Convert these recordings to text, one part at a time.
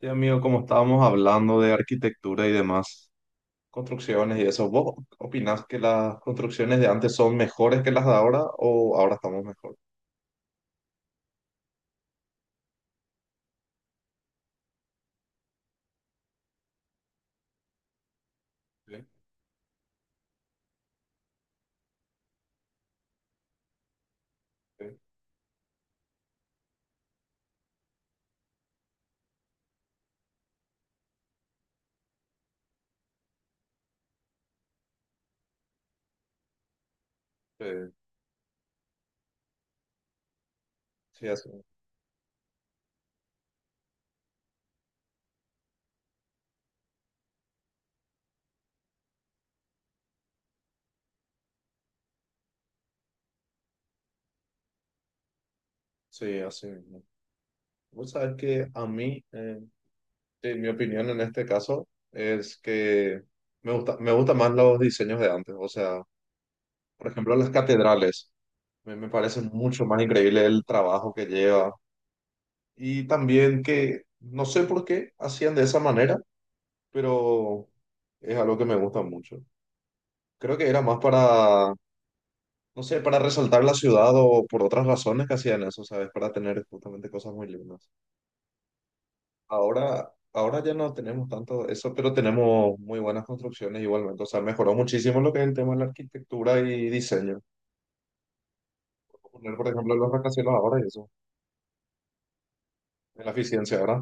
Sí, amigo, como estábamos hablando de arquitectura y demás, construcciones y eso, ¿vos opinás que las construcciones de antes son mejores que las de ahora o ahora estamos mejor? Sí, sí, sí, sí, así, sí, así mismo. Vos sabés que a mí, sí, mi opinión en este caso es que me gustan más los diseños de antes. O sea, por ejemplo, las catedrales. Me parece mucho más increíble el trabajo que lleva. Y también que no sé por qué hacían de esa manera, pero es algo que me gusta mucho. Creo que era más para, no sé, para resaltar la ciudad o por otras razones que hacían eso, ¿sabes? Para tener justamente cosas muy lindas. Ahora ya no tenemos tanto eso, pero tenemos muy buenas construcciones igualmente. O sea, mejoró muchísimo lo que es el tema de la arquitectura y diseño. Poner, por ejemplo, los rascacielos ahora y eso, en la eficiencia, ¿verdad?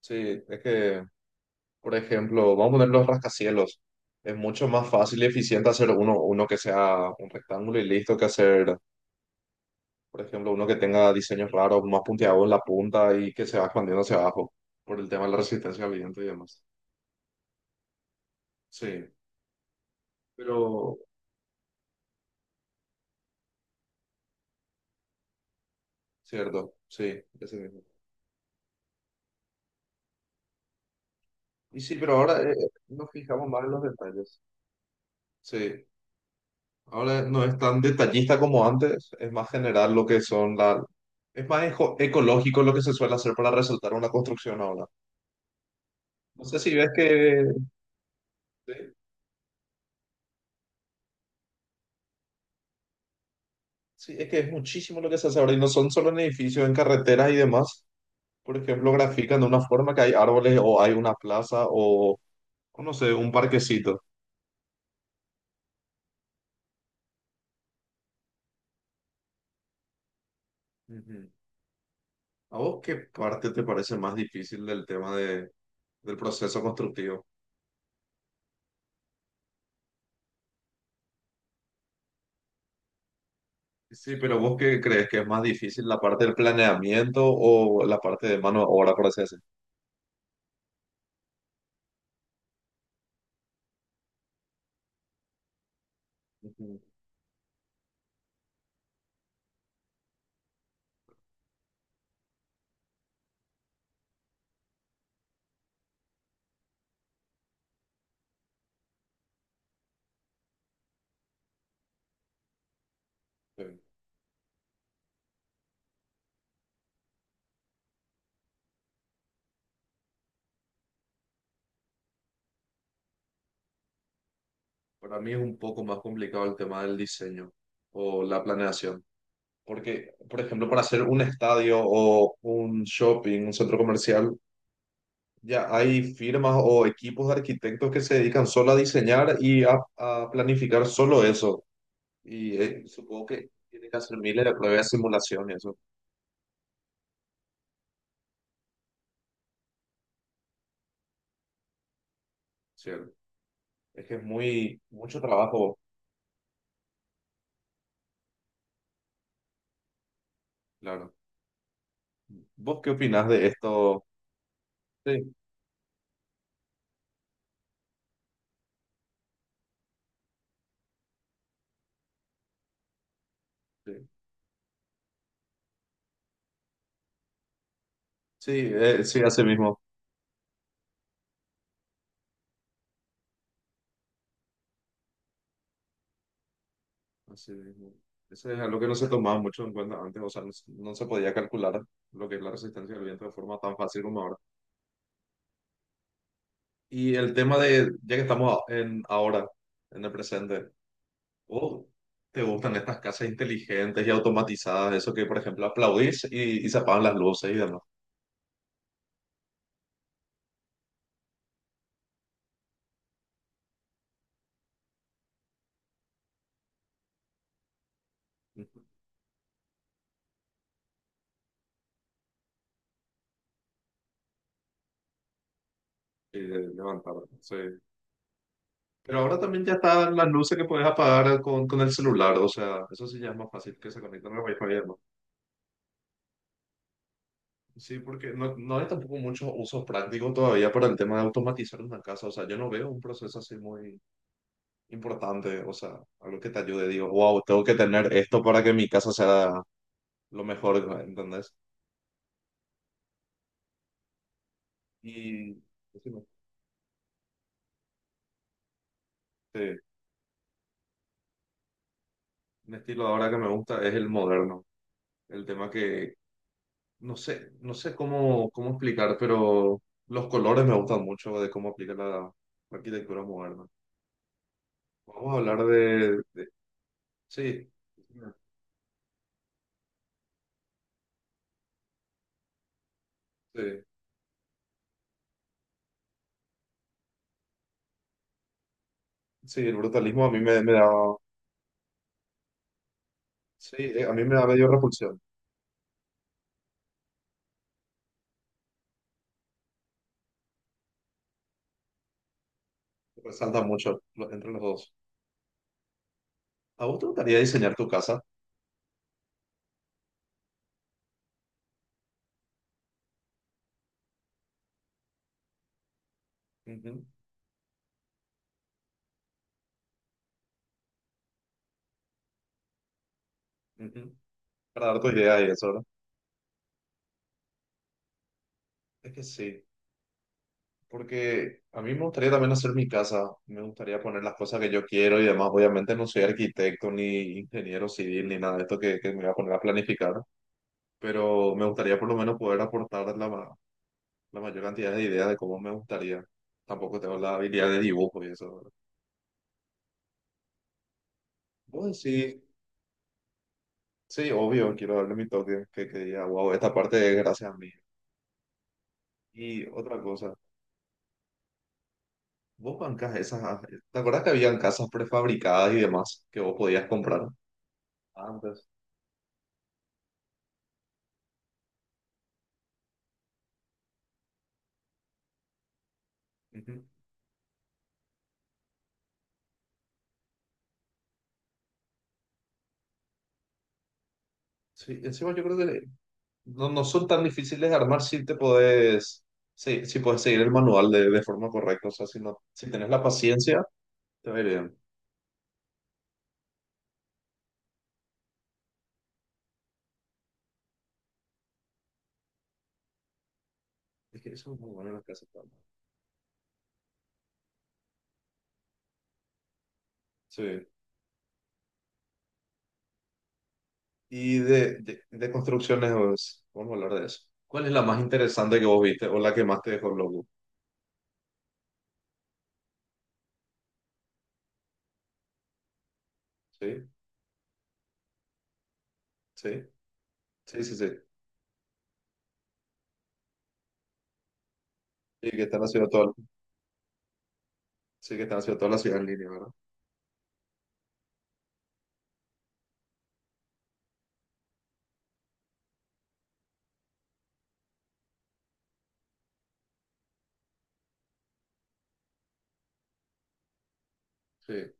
Sí, es que, por ejemplo, vamos a poner los rascacielos. Es mucho más fácil y eficiente hacer uno que sea un rectángulo y listo que hacer. Por ejemplo, uno que tenga diseños raros, más punteados en la punta y que se va expandiendo hacia abajo por el tema de la resistencia al viento y demás. Sí, pero cierto, sí, ese mismo. Y sí, pero ahora nos fijamos más en los detalles. Sí, ahora no es tan detallista como antes, es más general lo que son la... Es más ecológico lo que se suele hacer para resaltar una construcción ahora. No sé si ves que... Sí, sí, es que es muchísimo lo que se hace ahora y no son solo en edificios, en carreteras y demás. Por ejemplo, grafican de una forma que hay árboles o hay una plaza o no sé, un parquecito. Ujú. ¿A vos qué parte te parece más difícil del tema de, del proceso constructivo? Sí, pero ¿vos qué crees que es más difícil, la parte del planeamiento o la parte de mano de obra, por así decir? Ujú. Sí. Para mí es un poco más complicado el tema del diseño o la planeación. Porque, por ejemplo, para hacer un estadio o un shopping, un centro comercial, ya hay firmas o equipos de arquitectos que se dedican solo a diseñar y a planificar solo eso. Y supongo que tiene que hacer miles de pruebas de simulación y eso, ¿cierto? Es que es muy, mucho trabajo, claro. ¿Vos qué opinás de esto? Sí, sí, sí, sí, así mismo. Así mismo. Eso es algo que no se tomaba mucho en cuenta antes, o sea, no, se no se podía calcular lo que es la resistencia del viento de forma tan fácil como ahora. Y el tema de, ya que estamos en ahora, en el presente. O ¿te gustan estas casas inteligentes y automatizadas? Eso que, por ejemplo, aplaudís y se apagan las luces y demás. Ujú. Y de levantar, sí. Pero ahora también ya están las luces que puedes apagar con el celular, o sea, eso sí ya es más fácil que se conecten al Wi-Fi y demás. Sí, porque no, no hay tampoco muchos usos prácticos todavía para el tema de automatizar una casa, o sea, yo no veo un proceso así muy importante, o sea, algo que te ayude, digo, wow, tengo que tener esto para que mi casa sea lo mejor, ¿entendés? Y... Sí. Sí. Un estilo ahora que me gusta es el moderno. El tema que no sé, no sé cómo, cómo explicar, pero los colores me gustan mucho de cómo aplica la, la arquitectura moderna. Vamos a hablar de- sí, sí, sí, el brutalismo a mí me, me da, sí, a mí me da medio repulsión. Resalta mucho lo- entre los dos. ¿A vos te gustaría diseñar tu casa? Ujú, ujú. Para dar tu idea y eso, ¿verdad? Es que sí. Porque a mí me gustaría también hacer mi casa, me gustaría poner las cosas que yo quiero y demás. Obviamente no soy arquitecto ni ingeniero civil ni nada de esto que me voy a poner a planificar, pero me gustaría por lo menos poder aportar la, ma- la mayor cantidad de ideas de cómo me gustaría. Tampoco tengo la habilidad de dibujo y eso, ¿verdad? Bueno, sí, sí, obvio, quiero darle mi toque, que diga, wow, esta parte es gracias a mí. Y otra cosa, vos bancás esas, ¿te acuerdas que habían casas prefabricadas y demás que vos podías comprar antes? Sí, encima yo creo que le- no, no son tan difíciles de armar si te podés, sí, si podés seguir el manual de forma correcta. O sea, si no, si tenés la paciencia, te va a ir bien. Es que eso es muy bueno en las casas. También. Sí. Y de construcciones, pues, vamos a hablar de eso. ¿Cuál es la más interesante que vos viste o la que más te dejó loco? Sí, sí, sí, sí, sí. Sí, que están haciendo todo, sí, que están haciendo toda la ciudad en línea, ¿verdad? Sí.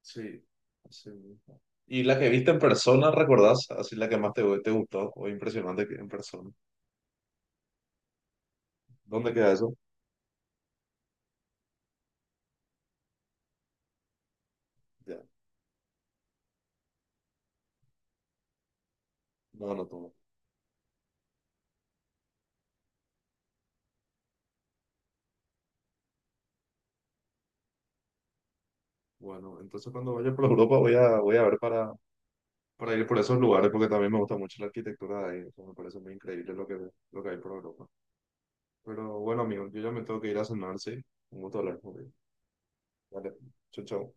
Sí, sí mismo. ¿Y la que viste en persona, recordás? Así la que más te, te gustó o impresionante que- en persona. ¿Dónde queda eso? Ya, no, no todo. Bueno, entonces cuando vaya por Europa voy a, voy a ver para ir por esos lugares porque también me gusta mucho la arquitectura de ahí. Eso me parece muy increíble lo que hay por Europa. Pero bueno, amigo, yo ya me tengo que ir a cenar, ¿sí? Un gusto hablar contigo. Vale, chau, chau.